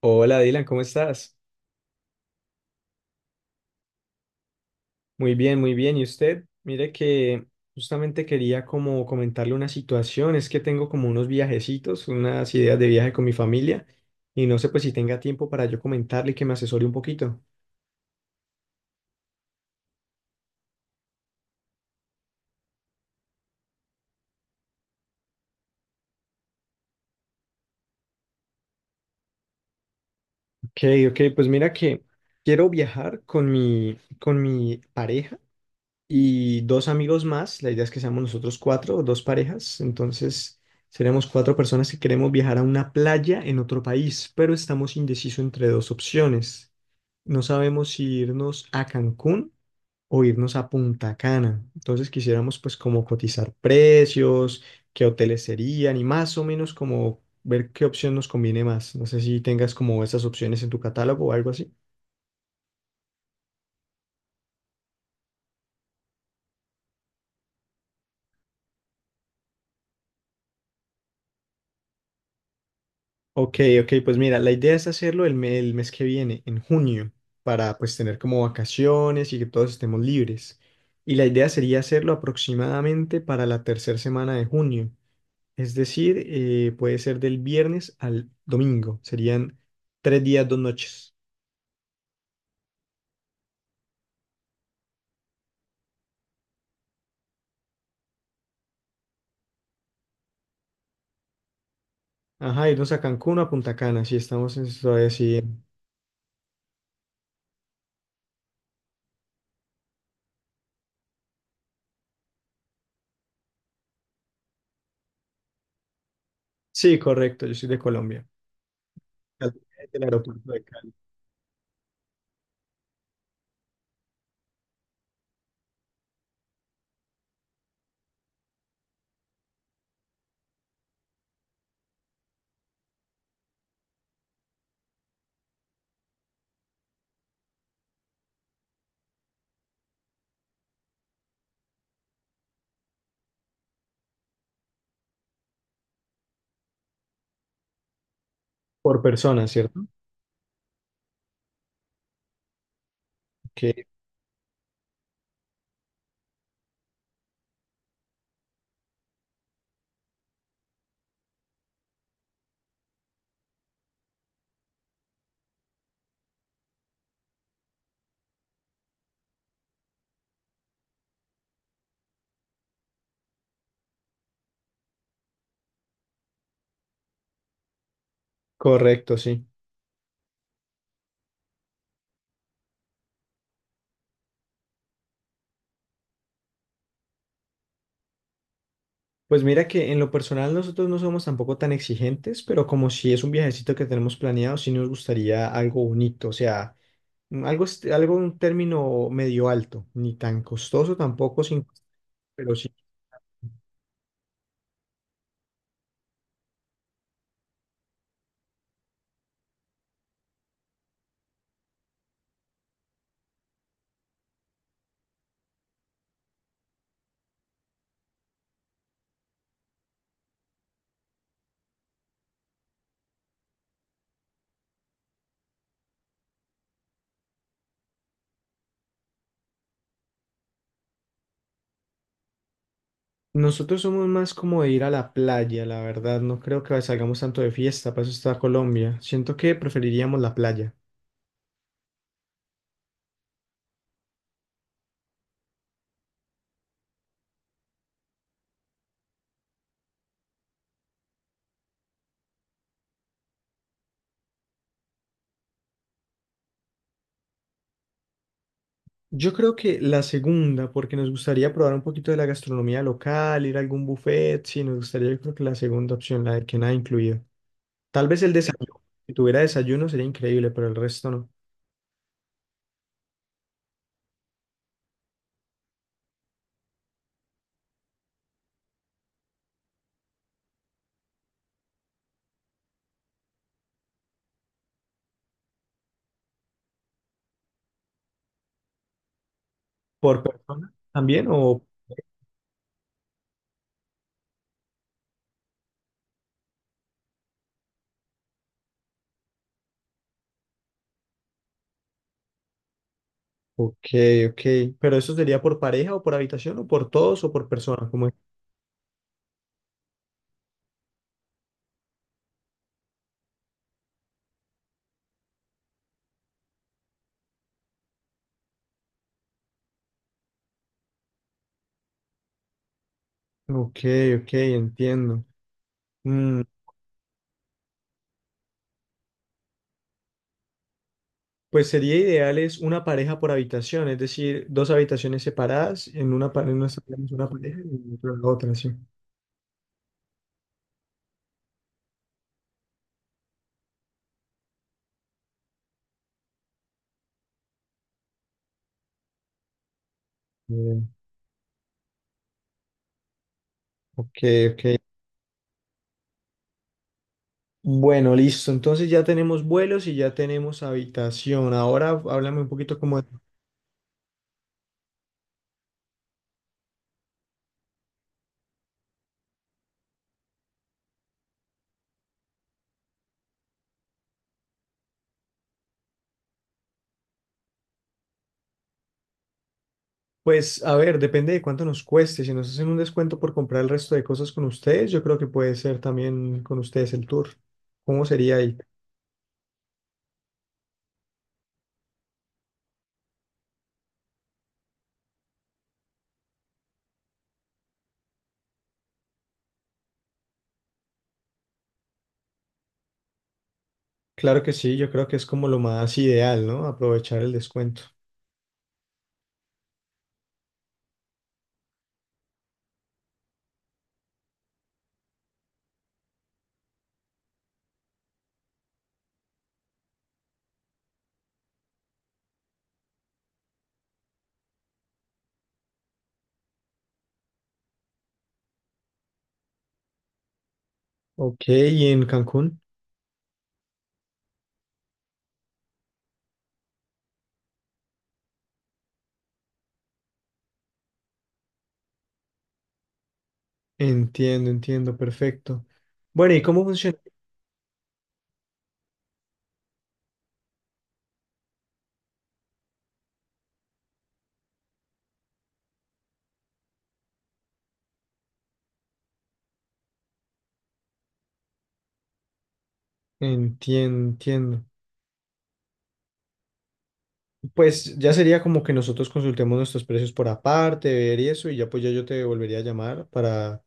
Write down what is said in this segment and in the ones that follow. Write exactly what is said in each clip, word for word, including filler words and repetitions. Hola Dylan, ¿cómo estás? Muy bien, muy bien. ¿Y usted? Mire que justamente quería como comentarle una situación. Es que tengo como unos viajecitos, unas ideas de viaje con mi familia y no sé pues si tenga tiempo para yo comentarle y que me asesore un poquito. Ok, ok, pues mira que quiero viajar con mi, con mi pareja y dos amigos más. La idea es que seamos nosotros cuatro, o dos parejas. Entonces, seremos cuatro personas que queremos viajar a una playa en otro país, pero estamos indecisos entre dos opciones. No sabemos si irnos a Cancún o irnos a Punta Cana. Entonces, quisiéramos pues como cotizar precios, qué hoteles serían y más o menos como ver qué opción nos conviene más. No sé si tengas como esas opciones en tu catálogo o algo así. Ok, ok, pues mira, la idea es hacerlo el, me- el mes que viene, en junio, para pues tener como vacaciones y que todos estemos libres. Y la idea sería hacerlo aproximadamente para la tercera semana de junio, es decir, eh, puede ser del viernes al domingo, serían tres días, dos noches. Ajá, irnos a Cancún o a Punta Cana, si estamos en, todavía así. Sí, correcto, yo soy de Colombia, del aeropuerto de Cali, por persona, ¿cierto? Ok, correcto, sí. Pues mira que en lo personal nosotros no somos tampoco tan exigentes, pero como si es un viajecito que tenemos planeado, sí nos gustaría algo bonito, o sea, mm, algo, est- algo un término medio alto, ni tan costoso tampoco, sin, pero sí. Nosotros somos más como de ir a la playa, la verdad, no creo que salgamos tanto de fiesta, para eso está Colombia. Siento que preferiríamos la playa. Yo creo que la segunda, porque nos gustaría probar un poquito de la gastronomía local, ir a algún buffet, sí, nos gustaría, yo creo que la segunda opción, la de que nada incluido. Tal vez el desayuno, si tuviera desayuno sería increíble, pero el resto no. ¿Por persona también o...? Ok, ok. ¿Pero eso sería por pareja o por habitación o por todos o por persona? ¿Cómo es? Ok, ok, entiendo. Mm, pues sería ideal es una pareja por habitación, es decir, dos habitaciones separadas, en una, pa- en una estaríamos una pareja y en otra la otra, sí. Bien, ok, ok. Bueno, listo. Entonces ya tenemos vuelos y ya tenemos habitación. Ahora háblame un poquito como... de. Pues a ver, depende de cuánto nos cueste. Si nos hacen un descuento por comprar el resto de cosas con ustedes, yo creo que puede ser también con ustedes el tour. ¿Cómo sería ahí? Claro que sí, yo creo que es como lo más ideal, ¿no? Aprovechar el descuento. Ok, ¿y en Cancún? Entiendo, entiendo, perfecto. Bueno, ¿y cómo funciona? Entiendo, entiendo. Pues ya sería como que nosotros consultemos nuestros precios por aparte, ver y eso, y ya pues ya yo te volvería a llamar para,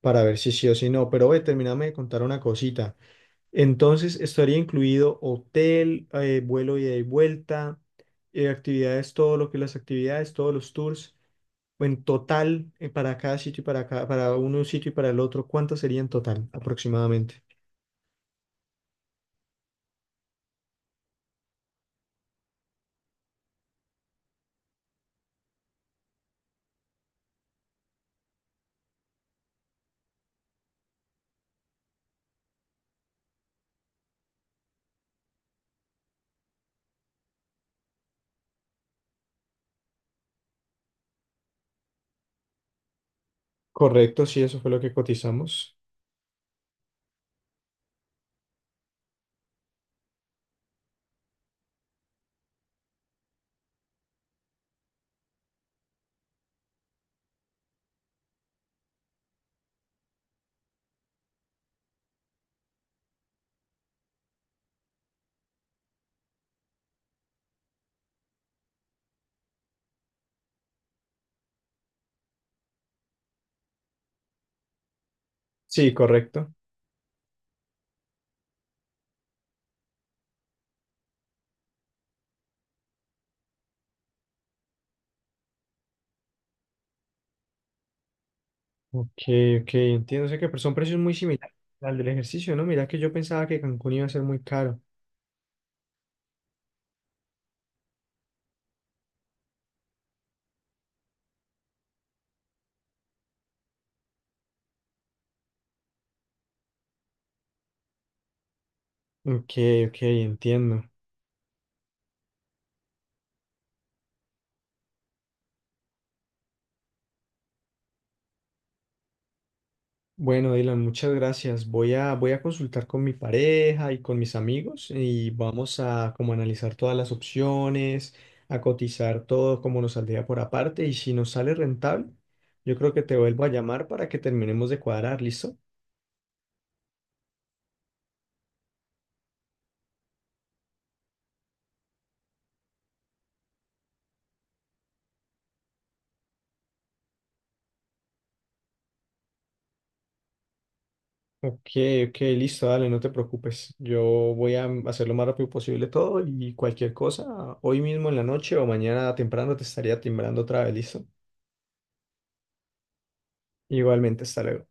para ver si sí o si no. Pero oye, termíname de contar una cosita. Entonces, estaría incluido hotel, eh, vuelo ida y vuelta, eh, actividades, todo lo que las actividades, todos los tours, o en total, eh, para cada sitio y para cada, para un sitio y para el otro, ¿cuánto sería en total aproximadamente? Correcto, sí, eso fue lo que cotizamos. Sí, correcto. Ok, ok, entiendo. O sea que son precios muy similares al del ejercicio, ¿no? Mira que yo pensaba que Cancún iba a ser muy caro. Ok, ok, entiendo. Bueno, Dylan, muchas gracias. Voy a, voy a consultar con mi pareja y con mis amigos y vamos a como analizar todas las opciones, a cotizar todo como nos saldría por aparte y si nos sale rentable, yo creo que te vuelvo a llamar para que terminemos de cuadrar, ¿listo? Ok, ok, listo, dale, no te preocupes. Yo voy a hacer lo más rápido posible todo y cualquier cosa, hoy mismo en la noche o mañana temprano te estaría timbrando otra vez, ¿listo? Igualmente, hasta luego.